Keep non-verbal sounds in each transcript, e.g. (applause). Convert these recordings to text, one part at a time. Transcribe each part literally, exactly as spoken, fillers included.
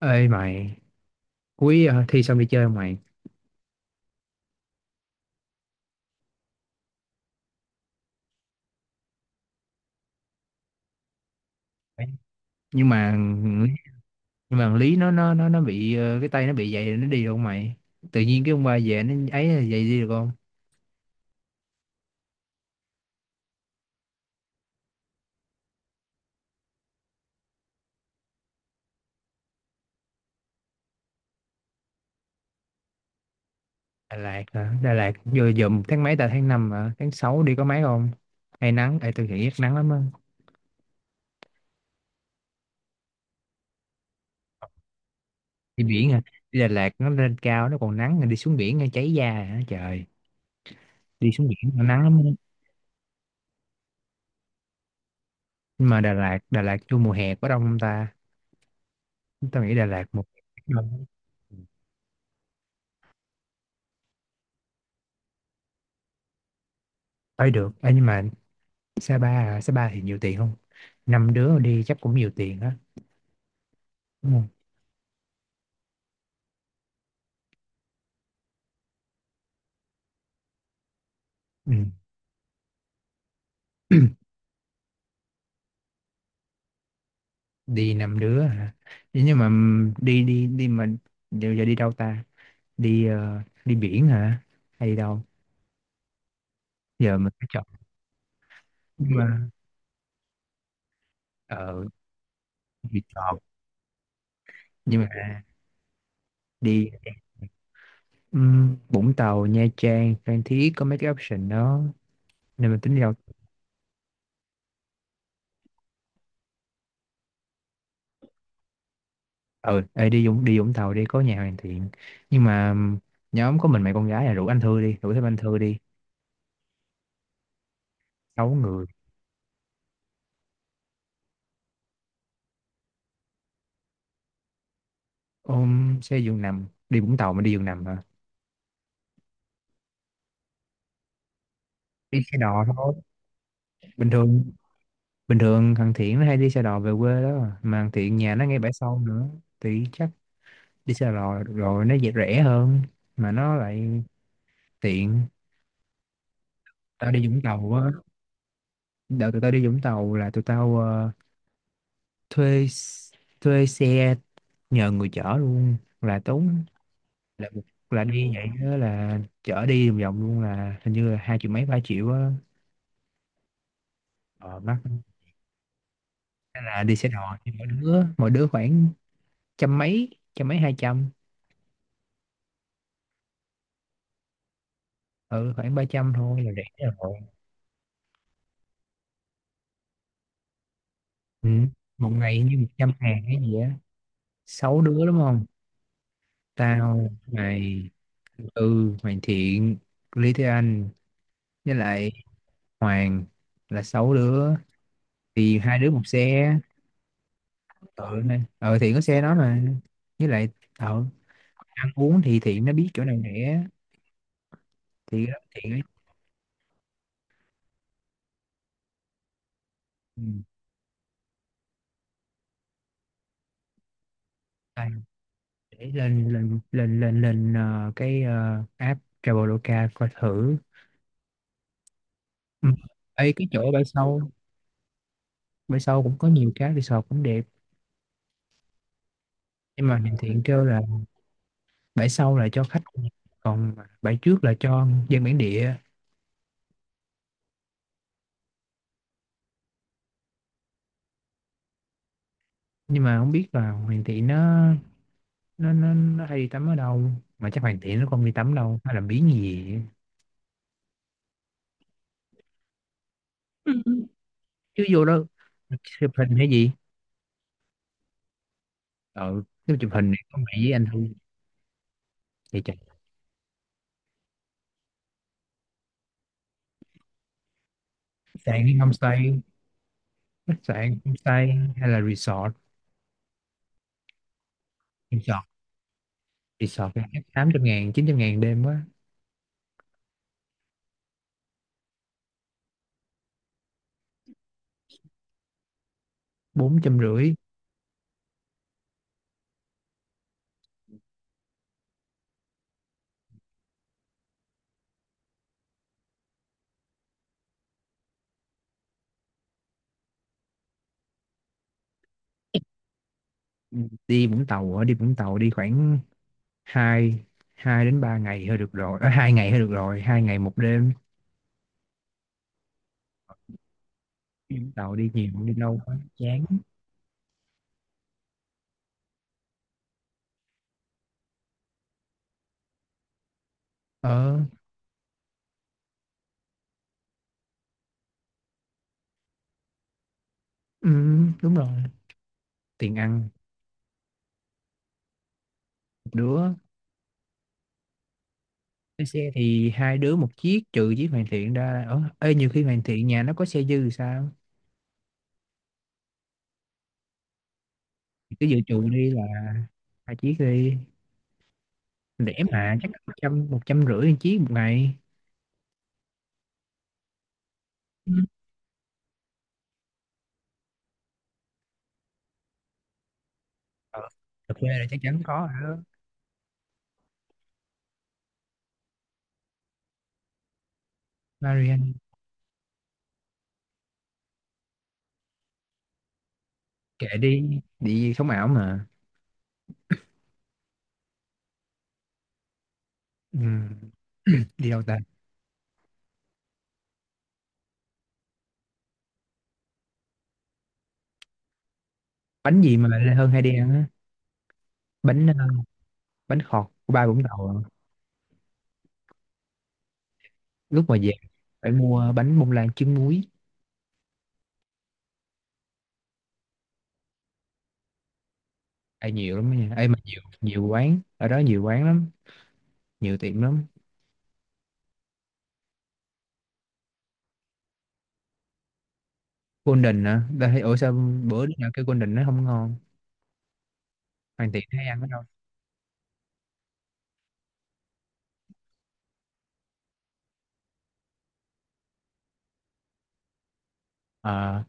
Ê mày, cuối ờ, thi xong đi chơi không mày? Nhưng mà nhưng mà thằng Lý nó nó nó nó bị ờ, cái tay nó bị vậy, nó đi được không mày? Tự nhiên cái ông ba về nó ấy là vậy đi được không? Đà Lạt hả? Đà Lạt vừa dùm tháng mấy ta, tháng năm hả? Tháng sáu đi có mấy không? Hay nắng, ê tôi nghĩ rất nắng lắm á. Đi biển hả? Đi Đà Lạt nó lên cao nó còn nắng, rồi đi xuống biển nó cháy da hả? Trời, đi xuống biển nó nắng lắm á. Nhưng mà Đà Lạt, Đà Lạt vô mùa hè có đông không ta? Tôi nghĩ Đà Lạt một, hè đông. Ấy được. Ê, nhưng mà Sa Pa à, Sa Pa thì nhiều tiền không? Năm đứa đi chắc cũng nhiều tiền á, đúng không? Ừ. (clears throat) Đi năm đứa hả? Thế nhưng mà ừm, đi đi đi mà giờ, giờ đi đâu ta? Đi ờ, đi biển hả? Hay đi đâu? Giờ mình phải chọn. Nhưng mà ờ, đi chọn. Nhưng mà đi ừm, Vũng Tàu, Nha Trang, Phan Thiết, có mấy cái option đó. Nên mình tính đi đâu? Ờ ê, đi Vũng, đi Vũng Tàu đi, có nhà Hoàn Thiện. Nhưng mà ừm, nhóm có mình mấy con gái là rủ anh Thư đi, rủ thêm anh Thư đi. Sáu người. Ôm xe giường nằm đi Vũng Tàu mà đi giường nằm hả? Đi xe đò thôi, bình thường. Bình thường thằng Thiện nó hay đi xe đò về quê đó mà. Mà thằng Thiện nhà nó ngay bãi sau nữa, thì chắc đi xe đò rồi nó dễ, rẻ hơn, mà nó lại tiện. Tao đi Vũng Tàu á, đợt tụi tao đi Vũng Tàu là tụi tao ờ, thuê s- thuê xe nhờ người chở luôn là tốn, là là đi vậy đó, là chở đi vòng vòng luôn, là hình như là hai triệu mấy ba triệu á. Ờ mắc. Nên là đi xe đò thì mỗi đứa, mỗi đứa khoảng trăm mấy, trăm mấy hai trăm. Ừ, khoảng ba trăm thôi là rẻ rồi. Ừ, một ngày như một trăm ngàn cái gì á. Sáu đứa đúng không? Tao, mày, Tư, mày Thiện, Lý, Thế Anh, với lại Hoàng, là sáu đứa, thì hai đứa một xe. Ừ, này, ờ Thiện có xe đó mà. Với lại ờ, ăn uống thì Thiện nó biết chỗ nào rẻ, thì Thiện ấy. Ừ. Để lên lên lên lên lên ờ, cái ờ, app Traveloka coi thử. Ừ. Ê, cái chỗ bãi sau, bãi sau cũng có nhiều cái resort cũng đẹp. Nhưng mà điều thiện kêu là bãi sau là cho khách, còn bãi trước là cho dân bản địa. Nhưng mà không biết là Hoàng Thị nó, nó nó, nó hay đi tắm ở đâu, mà chắc Hoàng Thị nó không đi tắm đâu, hay là biến gì vậy? Chứ vô đó chụp hình hay gì. Ờ, nếu chụp hình thì có mày với anh thôi. Thì chạy. Sạn homestay, khách sạn homestay hay là resort? Resort, resort cái hát tám trăm ngàn chín trăm ngàn đêm quá. Bốn trăm rưỡi. Ừ. Đi Vũng Tàu ở, đi Vũng Tàu đi khoảng hai, hai đến ba ngày thôi được rồi, ở hai ngày thôi được rồi, hai ngày một đêm. Ừ, Tàu đi nhiều, đi lâu quá chán. Ờ, ừ, đúng rồi. Tiền ăn một đứa. Cái xe thì hai đứa một chiếc, trừ chiếc hoàn thiện ra. ờ, ê, nhiều khi hoàn thiện nhà nó có xe dư thì sao. Cứ dự trù đi là hai chiếc đi, rẻ mà, chắc một trăm, một trăm rưỡi chiếc một ngày. Ừ. Ờ, ở quê là chắc chắn có rồi đó. Marian, kệ đi, đi sống ảo mà. Ừ, đi đâu ta? Bánh gì mà Lê Hơn hay đi ăn á? Bánh ờ, bánh khọt của ba Vũng Tàu à. Lúc mà về phải mua bánh bông lan trứng muối. Ai nhiều lắm đó nha, ai mà nhiều, nhiều quán ở đó, nhiều quán lắm, nhiều tiệm lắm. Golden à, ta thấy ủa sao bữa đứa nào kêu Golden nó không ngon. Hoàn Thiện hay ăn ở đâu? Ờ,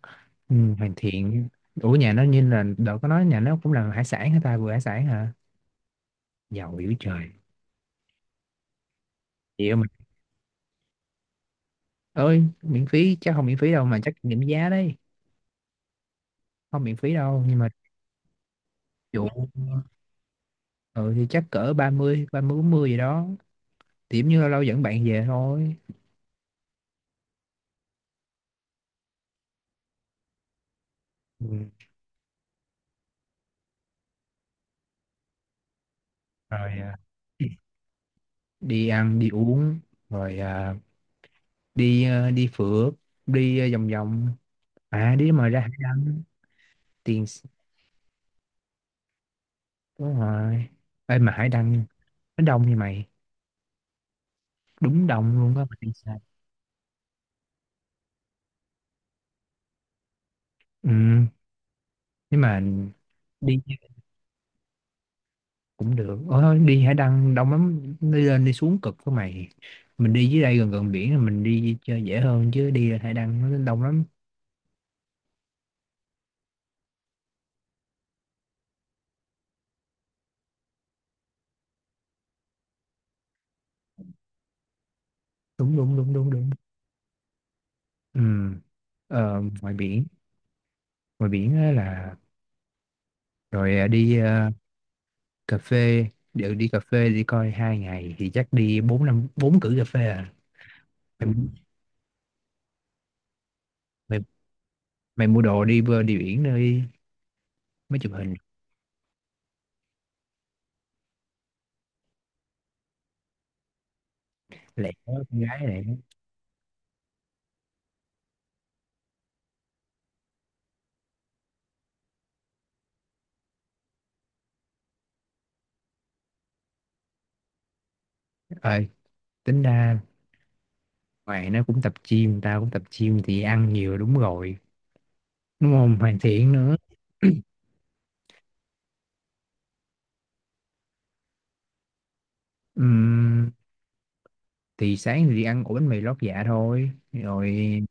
ừ, Hoàn Thiện. Ủa nhà nó như là đợt có nói nhà nó cũng làm hải sản hả ta, vừa hải sản hả? Giàu dữ trời. Vậy mà ơi, miễn phí chắc không miễn phí đâu mà, chắc kiểm giá đấy. Không miễn phí đâu nhưng mà dụ. Ừ, thì chắc cỡ ba, ba mươi, ba mươi bốn mươi gì đó. Điểm như lâu lâu dẫn bạn về thôi. Ừ. Rồi à, đi ăn đi uống. Rồi à, đi à, đi phượt, đi à, vòng vòng, à đi mà ra hải đăng. tiền s- đúng rồi. Ê, mà hải đăng nó đông như mày, đúng đông luôn á, mà đi xa. Ừ, nhưng mà đi cũng được. Ờ, đi Hải Đăng đông lắm, đi lên đi xuống cực của mày. Mình đi dưới đây gần gần biển là mình đi chơi dễ hơn, chứ đi lên Hải Đăng nó đông lắm. Đúng đúng đúng đúng đúng. Ừ. Ờ, ngoài biển, ngoài biển á là, rồi à, đi à, cà phê, Đều đi cà phê đi, coi hai ngày thì chắc đi bốn năm, bốn cử cà phê à. mày, mày, mày mua đồ đi bơi đi biển nơi, mấy chụp hình. Lẹ đó, con gái lẹ. Ờ tính ra, ngoài nó cũng tập gym, tao cũng tập gym thì ăn nhiều, đúng rồi, đúng không? Hoàn thiện nữa. (clears throat) Ừm, thì sáng thì đi ăn ổ bánh mì lót dạ thôi rồi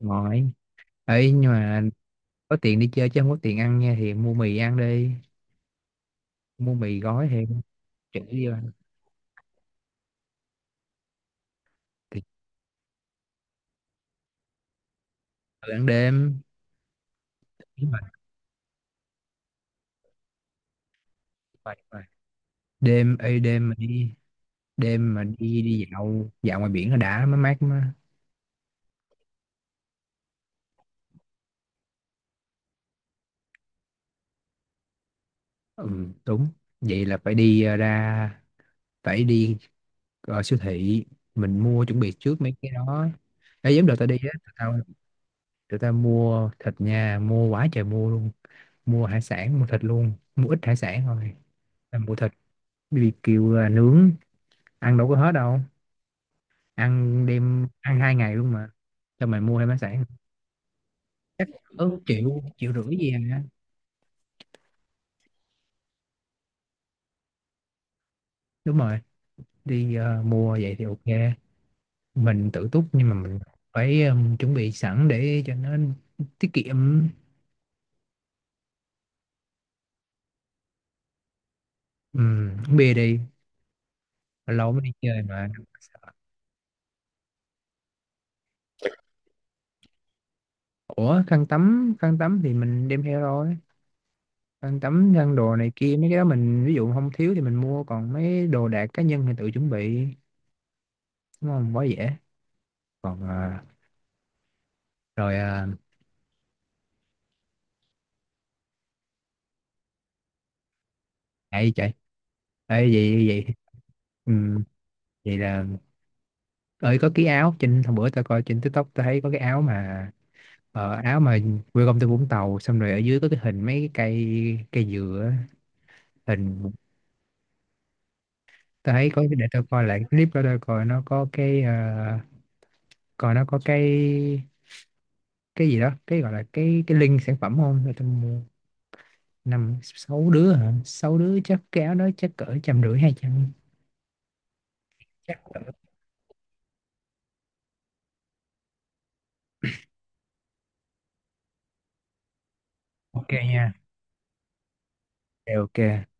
ngồi. Ấy nhưng mà có tiền đi chơi chứ không có tiền ăn nha, thì mua mì ăn đi, mua mì gói thì chữ đi ăn, thì tự ăn đêm. Đúng rồi, đúng rồi, đúng rồi. Đêm ấy, đêm mà đi đêm mà đi đi dạo dạo ngoài biển nó đã mới mát mà. Ừ, đúng. Vậy là phải đi ờ, ra, phải đi ờ, siêu thị, mình mua chuẩn bị trước mấy cái đó. Ê, giống đợt tao đi á, tao, tụi ta mua thịt nha, mua quá trời mua luôn, mua hải sản, mua thịt luôn, mua ít hải sản thôi, là mua thịt. bê bê kiu là nướng, ăn đâu có hết đâu, ăn đêm ăn hai ngày luôn mà. Cho mày mua thêm hải sản. Chắc cỡ triệu, triệu rưỡi gì à. Đúng rồi, đi ờ, mua vậy thì ok, mình tự túc, nhưng mà mình phải ừm, chuẩn bị sẵn để cho nó tiết kiệm. Ừm, uống bia đi, lâu mới đi chơi mà. Ủa khăn tắm, khăn tắm thì mình đem theo rồi. Khăn tắm, khăn đồ này kia mấy cái đó mình ví dụ không thiếu thì mình mua, còn mấy đồ đạc cá nhân thì tự chuẩn bị, đúng không, quá dễ. Còn à, rồi à, ấy chạy, ấy vậy vậy. Ừ, vậy là ơi có cái áo, trên hôm bữa tao coi trên TikTok tao thấy có cái áo mà ờ, áo mà quê công ty Vũng Tàu, xong rồi ở dưới có cái hình mấy cái cây, cây dừa á, hình. Tao thấy có cái- để tao coi lại cái clip đó, tao coi nó có cái ờ, coi nó có cái cái gì đó, cái gọi là cái cái link sản phẩm không, để tao mua. Năm sáu đứa hả, sáu đứa chắc kéo đó chắc cỡ trăm rưỡi hai trăm, chắc cỡ. Ok nha. Ok, ok.